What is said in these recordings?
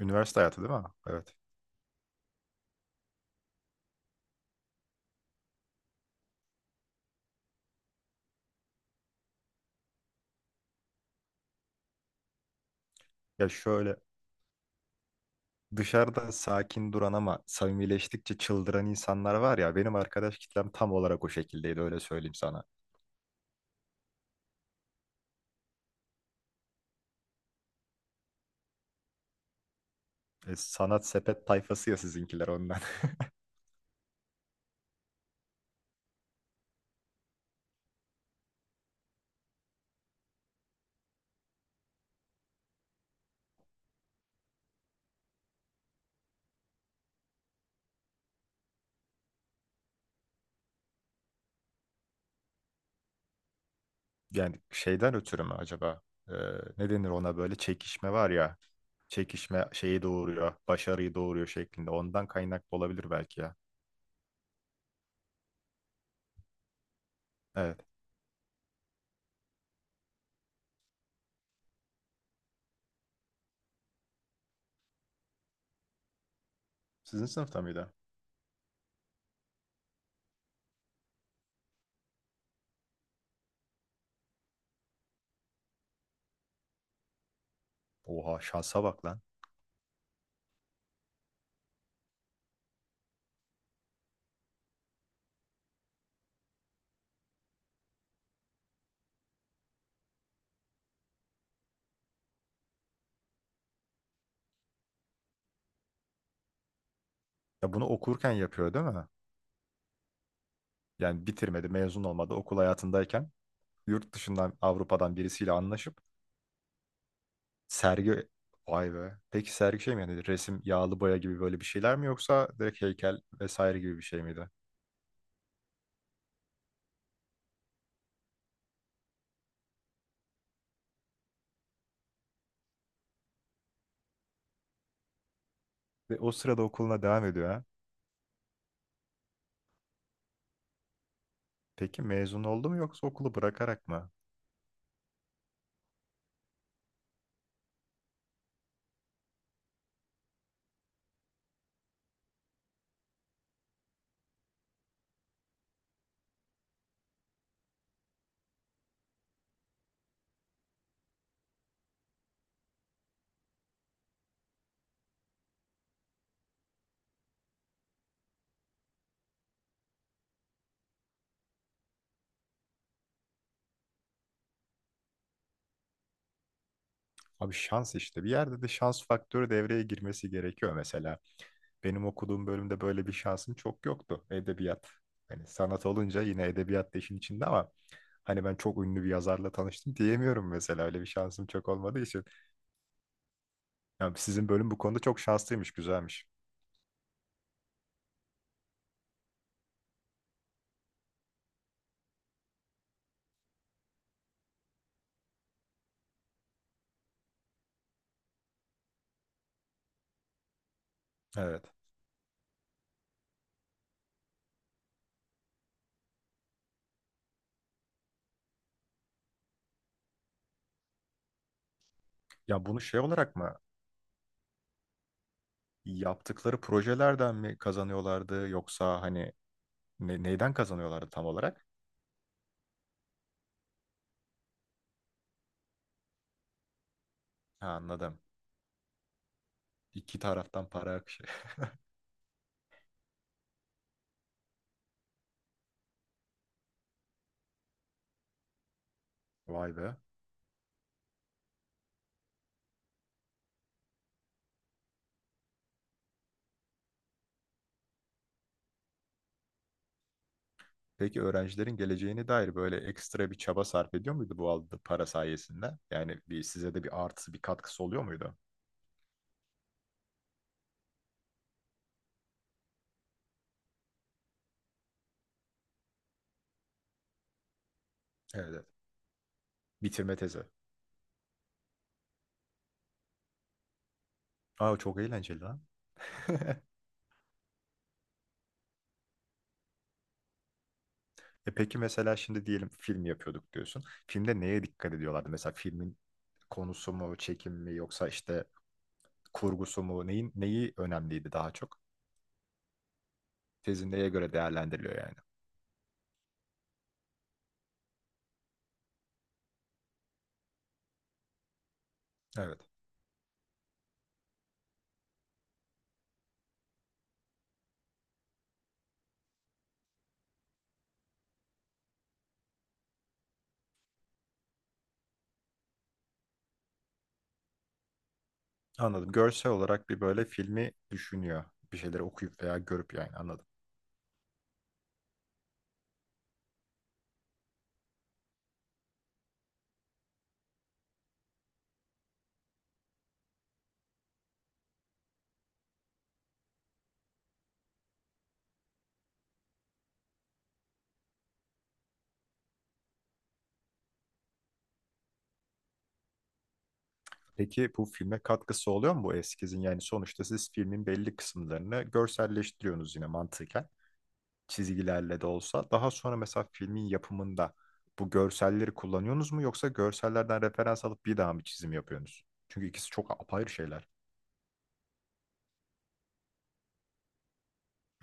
Üniversite hayatı değil mi? Evet. Ya şöyle dışarıda sakin duran ama samimileştikçe çıldıran insanlar var ya benim arkadaş kitlem tam olarak o şekildeydi öyle söyleyeyim sana. Sanat sepet tayfası ya sizinkiler ondan. Yani şeyden ötürü mü acaba? E, Ne denir ona böyle çekişme var ya. Çekişme şeyi doğuruyor, başarıyı doğuruyor şeklinde. Ondan kaynaklı olabilir belki ya. Evet. Sizin sınıfta mıydı? Oha şansa bak lan. Ya bunu okurken yapıyor değil mi? Yani bitirmedi, mezun olmadı okul hayatındayken. Yurt dışından Avrupa'dan birisiyle anlaşıp sergi, vay be. Peki sergi şey mi yani resim, yağlı boya gibi böyle bir şeyler mi yoksa direkt heykel vesaire gibi bir şey miydi? Ve o sırada okuluna devam ediyor ha. Peki mezun oldu mu yoksa okulu bırakarak mı? Abi şans işte. Bir yerde de şans faktörü devreye girmesi gerekiyor mesela. Benim okuduğum bölümde böyle bir şansım çok yoktu. Edebiyat. Hani sanat olunca yine edebiyat da işin içinde ama hani ben çok ünlü bir yazarla tanıştım diyemiyorum mesela. Öyle bir şansım çok olmadığı için. Ya sizin bölüm bu konuda çok şanslıymış, güzelmiş. Evet. Ya bunu şey olarak mı yaptıkları projelerden mi kazanıyorlardı yoksa hani neyden kazanıyorlardı tam olarak? Ha, anladım. İki taraftan para akışı. Vay be. Peki öğrencilerin geleceğine dair böyle ekstra bir çaba sarf ediyor muydu bu aldığı para sayesinde? Yani bir size de bir artısı, bir katkısı oluyor muydu? Evet, evet. Bitirme tezi. Aa çok eğlenceli lan. E peki mesela şimdi diyelim film yapıyorduk diyorsun. Filmde neye dikkat ediyorlardı? Mesela filmin konusu mu, çekim mi yoksa işte kurgusu mu? Neyin, neyi önemliydi daha çok? Tezin neye göre değerlendiriliyor yani? Evet. Anladım. Görsel olarak bir böyle filmi düşünüyor. Bir şeyleri okuyup veya görüp yani anladım. Peki bu filme katkısı oluyor mu bu eskizin? Yani sonuçta siz filmin belli kısımlarını görselleştiriyorsunuz yine mantıken, çizgilerle de olsa. Daha sonra mesela filmin yapımında bu görselleri kullanıyorsunuz mu yoksa görsellerden referans alıp bir daha mı çizim yapıyorsunuz? Çünkü ikisi çok apayrı şeyler.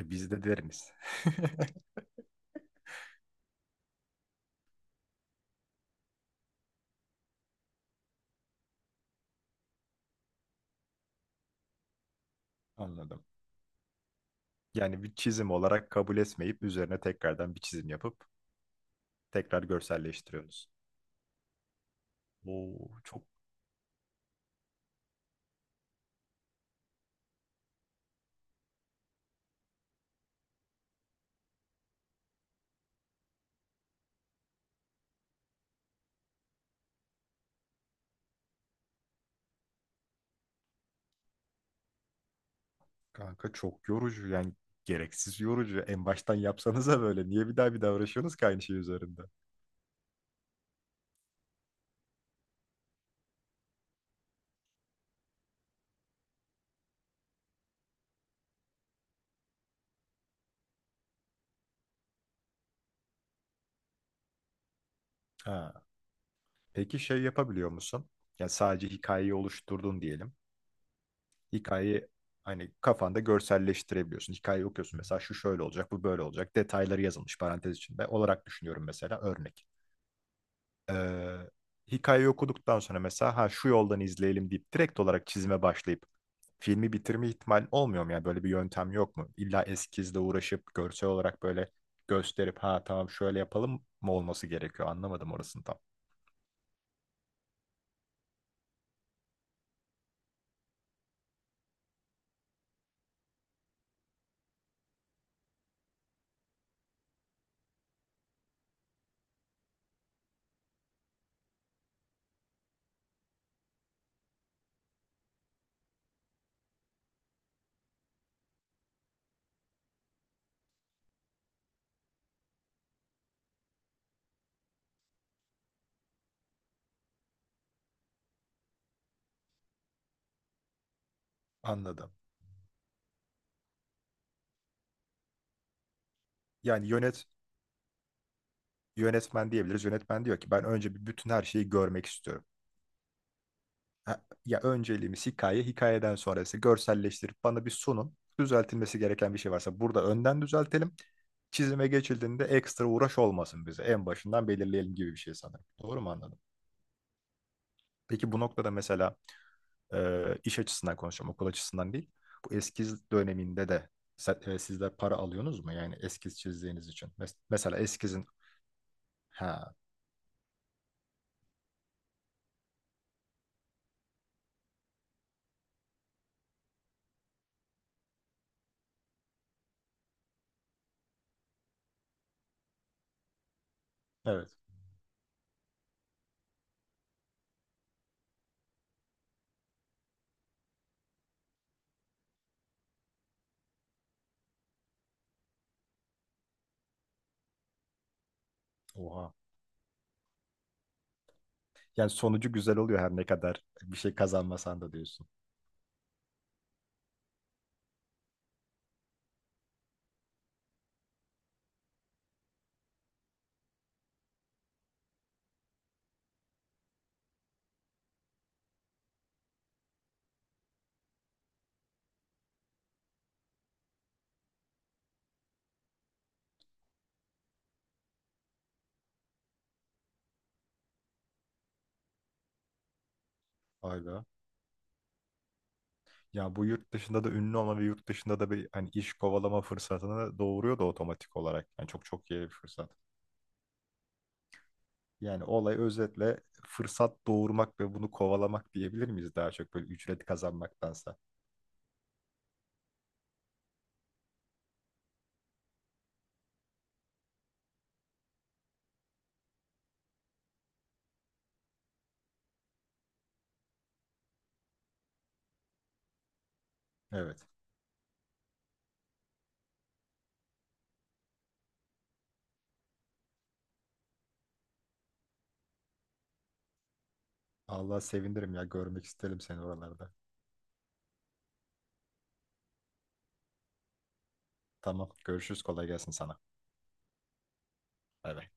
E biz de deriniz. Anladım. Yani bir çizim olarak kabul etmeyip üzerine tekrardan bir çizim yapıp tekrar görselleştiriyorsunuz. Oo çok kanka, çok yorucu yani, gereksiz yorucu. En baştan yapsanıza, böyle niye bir daha bir daha uğraşıyorsunuz ki aynı şey üzerinde? Ha. Peki şey yapabiliyor musun? Yani sadece hikayeyi oluşturdun diyelim. Hikayeyi hani kafanda görselleştirebiliyorsun. Hikayeyi okuyorsun mesela şu şöyle olacak, bu böyle olacak. Detayları yazılmış parantez içinde olarak düşünüyorum mesela örnek. Ee, Hikayeyi okuduktan sonra mesela ha şu yoldan izleyelim deyip direkt olarak çizime başlayıp filmi bitirme ihtimali olmuyor mu? Yani böyle bir yöntem yok mu? İlla eskizle uğraşıp görsel olarak böyle gösterip ha tamam şöyle yapalım mı olması gerekiyor? Anlamadım orasını tam. Anladım. Yani yönetmen diyebiliriz. Yönetmen diyor ki ben önce bir bütün her şeyi görmek istiyorum. Ha, ya önceliğimiz hikaye, hikayeden sonrası görselleştirip bana bir sunun. Düzeltilmesi gereken bir şey varsa burada önden düzeltelim. Çizime geçildiğinde ekstra uğraş olmasın bize. En başından belirleyelim gibi bir şey sanırım. Doğru mu anladım? Peki bu noktada mesela iş açısından konuşacağım, okul açısından değil. Bu eskiz döneminde de sizler para alıyorsunuz mu? Yani eskiz çizdiğiniz için. Mesela eskizin... Ha, evet. Oha. Yani sonucu güzel oluyor her ne kadar bir şey kazanmasan da diyorsun. Vay be. Ya bu yurt dışında da ünlü olma ve yurt dışında da bir hani iş kovalama fırsatını doğuruyor da otomatik olarak. Yani çok çok iyi bir fırsat. Yani olay özetle fırsat doğurmak ve bunu kovalamak diyebilir miyiz daha çok böyle ücret kazanmaktansa? Evet. Allah sevindirim ya görmek isterim seni oralarda. Tamam görüşürüz kolay gelsin sana. Bay bay.